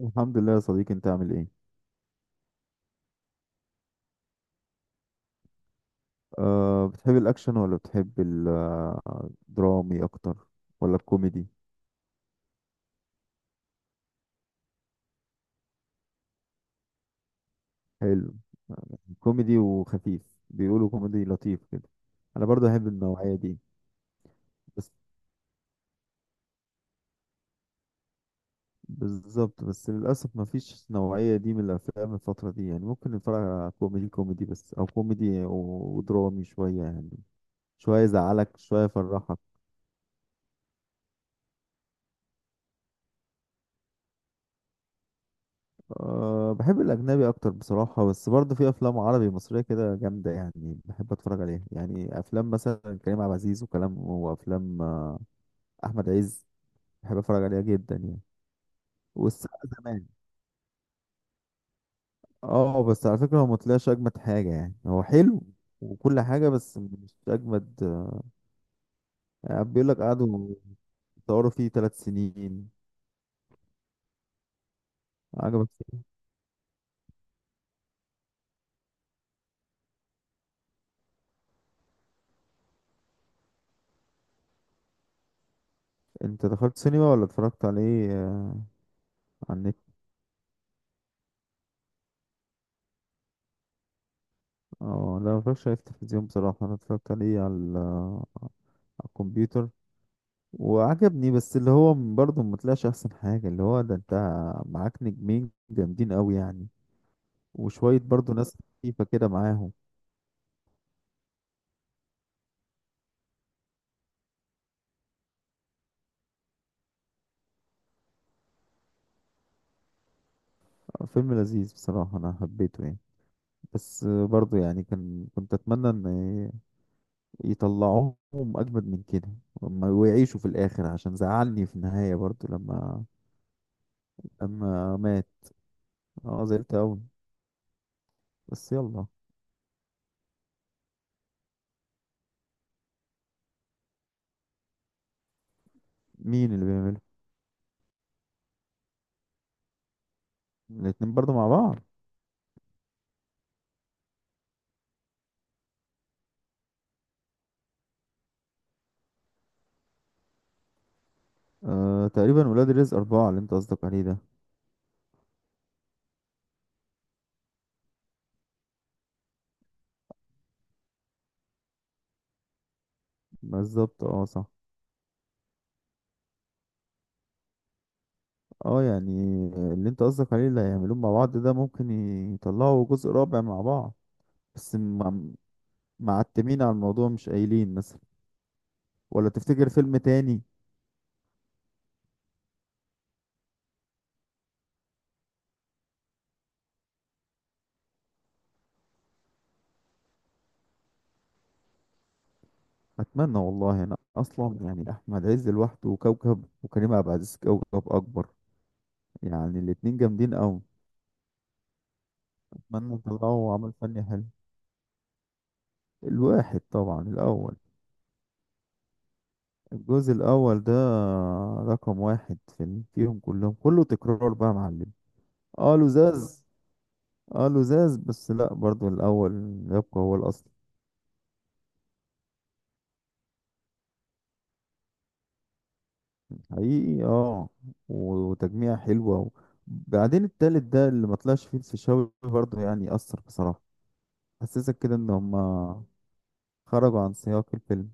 الحمد لله يا صديقي، انت عامل ايه؟ أه، بتحب الاكشن ولا بتحب الدرامي اكتر ولا الكوميدي؟ حلو. كوميدي وخفيف. بيقولوا كوميدي لطيف كده. انا برضه احب النوعية دي. بس. بالظبط، بس للاسف ما فيش نوعية دي من الافلام الفترة دي، يعني ممكن نتفرج على كوميدي كوميدي بس، او كوميدي و- ودرامي شوية يعني. شوية يزعلك شوية يفرحك. أه، بحب الأجنبي أكتر بصراحة، بس برضه في أفلام عربي مصرية كده جامدة يعني. بحب أتفرج عليها، يعني أفلام مثلا كريم عبد العزيز وكلام، وأفلام أحمد عز. بحب أتفرج عليها جدا يعني. والسقا زمان. اه، بس على فكرة هو مطلعش أجمد حاجة، يعني هو حلو وكل حاجة بس مش أجمد. يعني بيقول لك قعدوا يصوروا فيه 3 سنين. عجبك؟ أنت دخلت سينما ولا اتفرجت عليه على النت؟ اه لا، متفرجش عليه في التلفزيون بصراحة، أنا اتفرجت عليه على الكمبيوتر. وعجبني، بس اللي هو برضه ما طلعش احسن حاجه، اللي هو ده انت معاك نجمين جامدين قوي يعني. وشويه برضه ناس خفيفه كده معاهم. فيلم لذيذ بصراحه، انا حبيته يعني. بس برضه يعني كنت اتمنى ان يطلعوهم اجمد من كده. وما- ويعيشوا في الاخر، عشان زعلني في النهايه برضه لما لما مات. اه، زعلت قوي. بس يلا. مين اللي بيعمله؟ الاتنين برضه مع بعض؟ آه، تقريبا ولاد رزق 4 اللي انت قصدك عليه ده. بالظبط، اه صح. اه يعني، اللي انت قصدك عليه اللي هيعملوه مع بعض ده ممكن يطلعوا جزء رابع مع بعض. بس معتمين على الموضوع، مش قايلين مثلا. ولا تفتكر فيلم تاني؟ اتمنى والله، انا اصلا يعني احمد عز لوحده وكوكب، وكريم عبد العزيز كوكب اكبر. يعني الاتنين جامدين قوي. اتمنى يطلعوا عمل فني حلو. الواحد طبعا الاول. الجزء الاول ده رقم واحد فيهم كلهم، كله تكرار بقى يا معلم. اه لزاز. اه لزاز، بس لا برضو الاول يبقى هو الاصل. حقيقي اه. وتجميع حلوه. وبعدين التالت ده اللي ما طلعش فيه الفيشاوي برضو، يعني اثر بصراحه. حسسك كده ان هما خرجوا عن سياق الفيلم.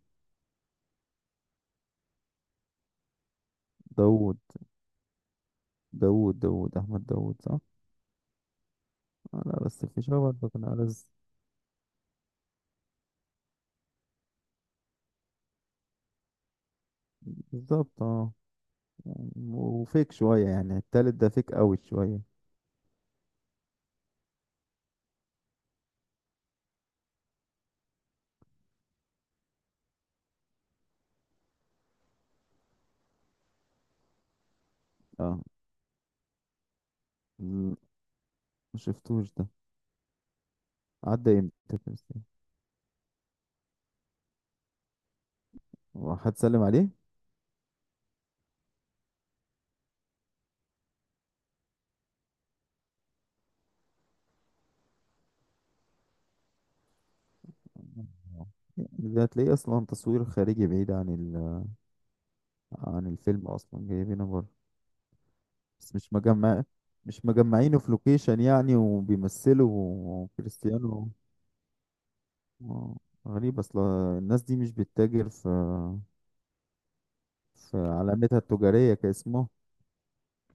داوود. داوود احمد داوود، صح. آه لا، بس الفيشاوي برضو كان ألذ. بالظبط اه، وفيك شويه، يعني التالت ده فيك قوي شويه. اه، م- ما شفتوش ده. عدى امتى كده؟ هو حد سلم عليه؟ ده هتلاقيه اصلا تصوير خارجي بعيد عن الفيلم، اصلا جايبينه بره. بس مش مجمع. مش مجمعينه في لوكيشن يعني، وبيمثلوا كريستيانو؟ آه، غريب اصلا. الناس دي مش بتتاجر في علامتها التجارية كاسمه.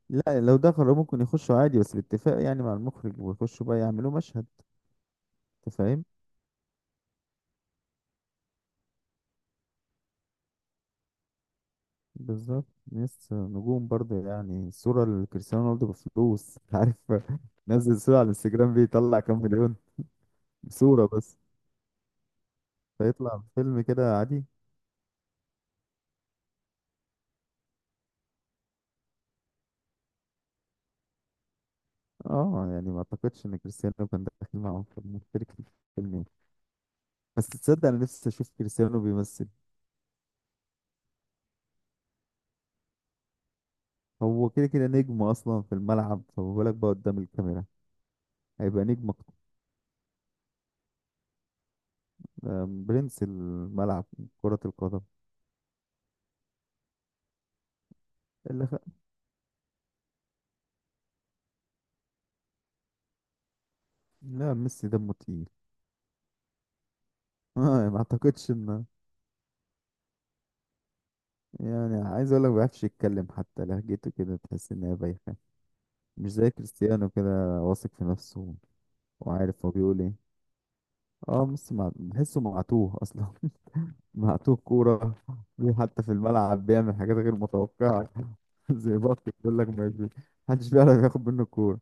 لا لو دخلوا ممكن يخشوا عادي، بس بالاتفاق يعني مع المخرج، ويخشوا بقى يعملوا مشهد. انت فاهم؟ بالظبط. ناس نجوم برضه، يعني الصورة لكريستيانو رونالدو بفلوس، أنت عارف. نزل صورة على الانستجرام بيطلع كام مليون صورة بس. فيطلع فيلم كده عادي. اه يعني، ما اعتقدش ان كريستيانو كان داخل معاهم، في مشترك في الفيلم يعني. بس تصدق انا نفسي اشوف كريستيانو بيمثل. هو كده كده نجم اصلا في الملعب، فما بالك بقى قدام الكاميرا. هيبقى نجم أكتر. برنس الملعب، كرة القدم. اللي خ... لا، ميسي دمه تقيل. آه، ما اعتقدش ان يعني، عايز اقول لك ما بيعرفش يتكلم، حتى لهجته كده تحس ان هي بايخه. مش زي كريستيانو كده واثق في نفسه وعارف هو بيقول ايه. اه بس بحسه معتوه اصلا. معتوه كوره. حتى في الملعب بيعمل حاجات غير متوقعه. زي بط، بيقول لك ما بي- محدش بيعرف ياخد منه الكوره.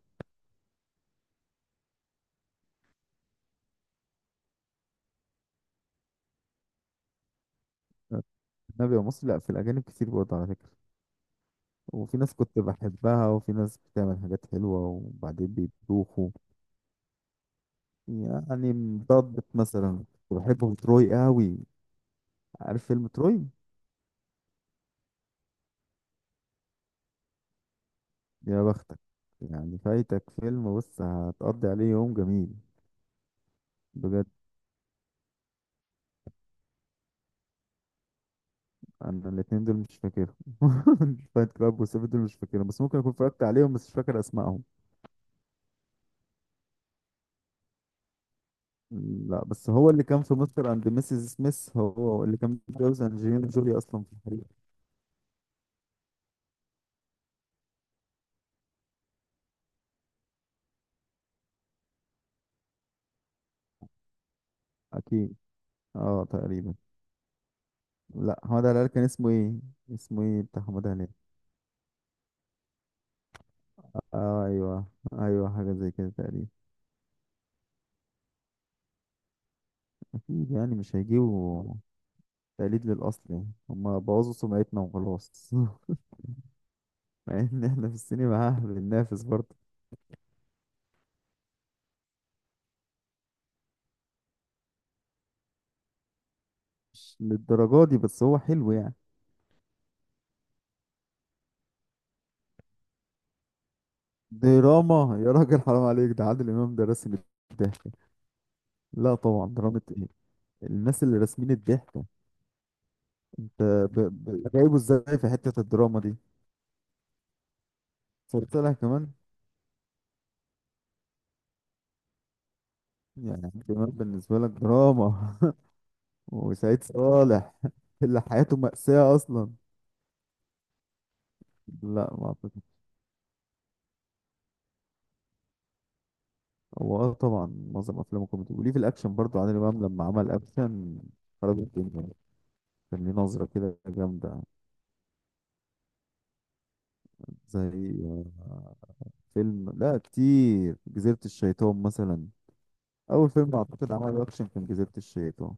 النبي يا مصري، لا، في الاجانب كتير برضه على فكره. وفي ناس كنت بحبها، وفي ناس بتعمل حاجات حلوه وبعدين بيبوخوا. يعني ضبط مثلا، كنت بحبه تروي قوي. عارف فيلم تروي؟ يا بختك. يعني فايتك فيلم، بص هتقضي عليه يوم جميل. بجد؟ انا الاتنين دول مش فاكرهم. فايت كلاب وسيفن دول مش فاكرهم، بس ممكن اكون اتفرجت عليهم بس مش فاكر اسمائهم. لا، بس هو اللي كان في مستر اند ميسيس سميث، هو اللي كان متجوز انجلينا جولي اصلا في الحقيقة. اكيد، اه تقريبا. لا، حماده هلال كان اسمه ايه؟ اسمه ايه بتاع حماده هلال؟ اه ايوه، ايوه حاجه زي كده تقريبا. اكيد يعني مش هيجيبوا تقليد للأصل، يعني هما بوظوا سمعتنا وخلاص. مع إن إحنا في السينما ها بننافس برضه. مش للدرجة دي، بس هو حلو يعني. دراما؟ يا راجل حرام عليك، ده عادل إمام ده راسم الضحكة. لا طبعا، دراما إيه؟ الناس اللي راسمين الضحكة. أنت جايبه إزاي في حتة الدراما دي؟ صرصلها كمان. يعني عادل إمام بالنسبة لك دراما؟ وسعيد صالح؟ اللي حياته مأساة أصلا. لا ما أعتقد. هو اه طبعا، معظم افلامه كوميدي، وليه في الاكشن برضو، عادل امام لما عمل اكشن خرب الدنيا. كان ليه نظره كده جامده. زي آه، فيلم، لا كتير، جزيره الشيطان مثلا. اول فيلم اعتقد عمله اكشن كان جزيره الشيطان.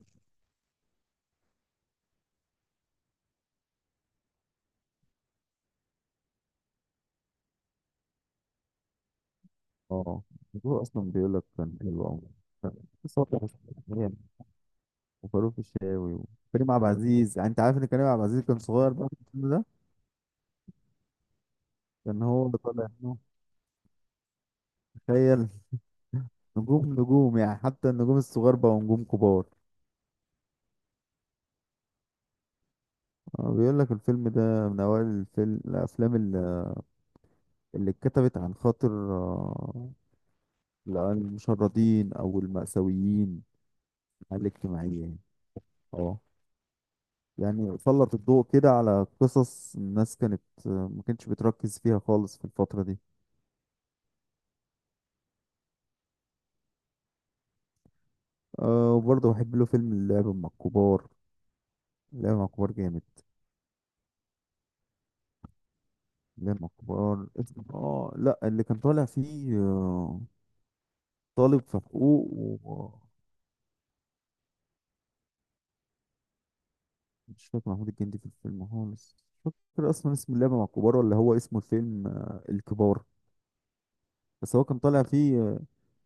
اه، هو اصلا بيقول لك كان حلو قوي. بس هو كان حلو. وفاروق الشاوي وكريم عبد العزيز، يعني انت عارف ان كريم عبد العزيز كان صغير بقى في الفيلم ده. كان هو اللي طالع، تخيل. نجوم نجوم، يعني حتى النجوم الصغار بقوا نجوم كبار. بيقول لك الفيلم ده من أوائل الأفلام اللي اتكتبت عن خاطر المشردين أو المأساويين على الاجتماعية يعني. اه يعني سلط الضوء كده على قصص الناس، كانت ما كانتش بتركز فيها خالص في الفترة دي. أه، وبرضه بحب له فيلم اللعب مع الكبار. اللعب مع الكبار جامد. اللعب مع الكبار اسمه، اه لا، اللي كان طالع فيه طالب في حقوق. مش فاكر محمود الجندي في الفيلم خالص، مش فاكر اصلا اسم اللعبه مع الكبار، ولا هو اسمه الفيلم الكبار. بس هو كان طالع فيه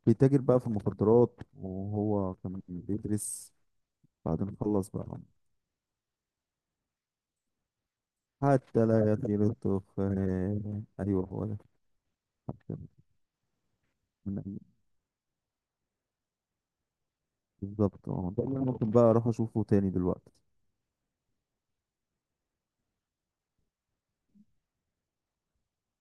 بيتاجر بقى في المخدرات وهو كان بيدرس، بعدين خلص بقى. حتى لا يطير الدخان. ايوه، هو ده. حتى من، بالظبط اه، ده اللي أنا ممكن بقى اروح اشوفه تاني دلوقتي.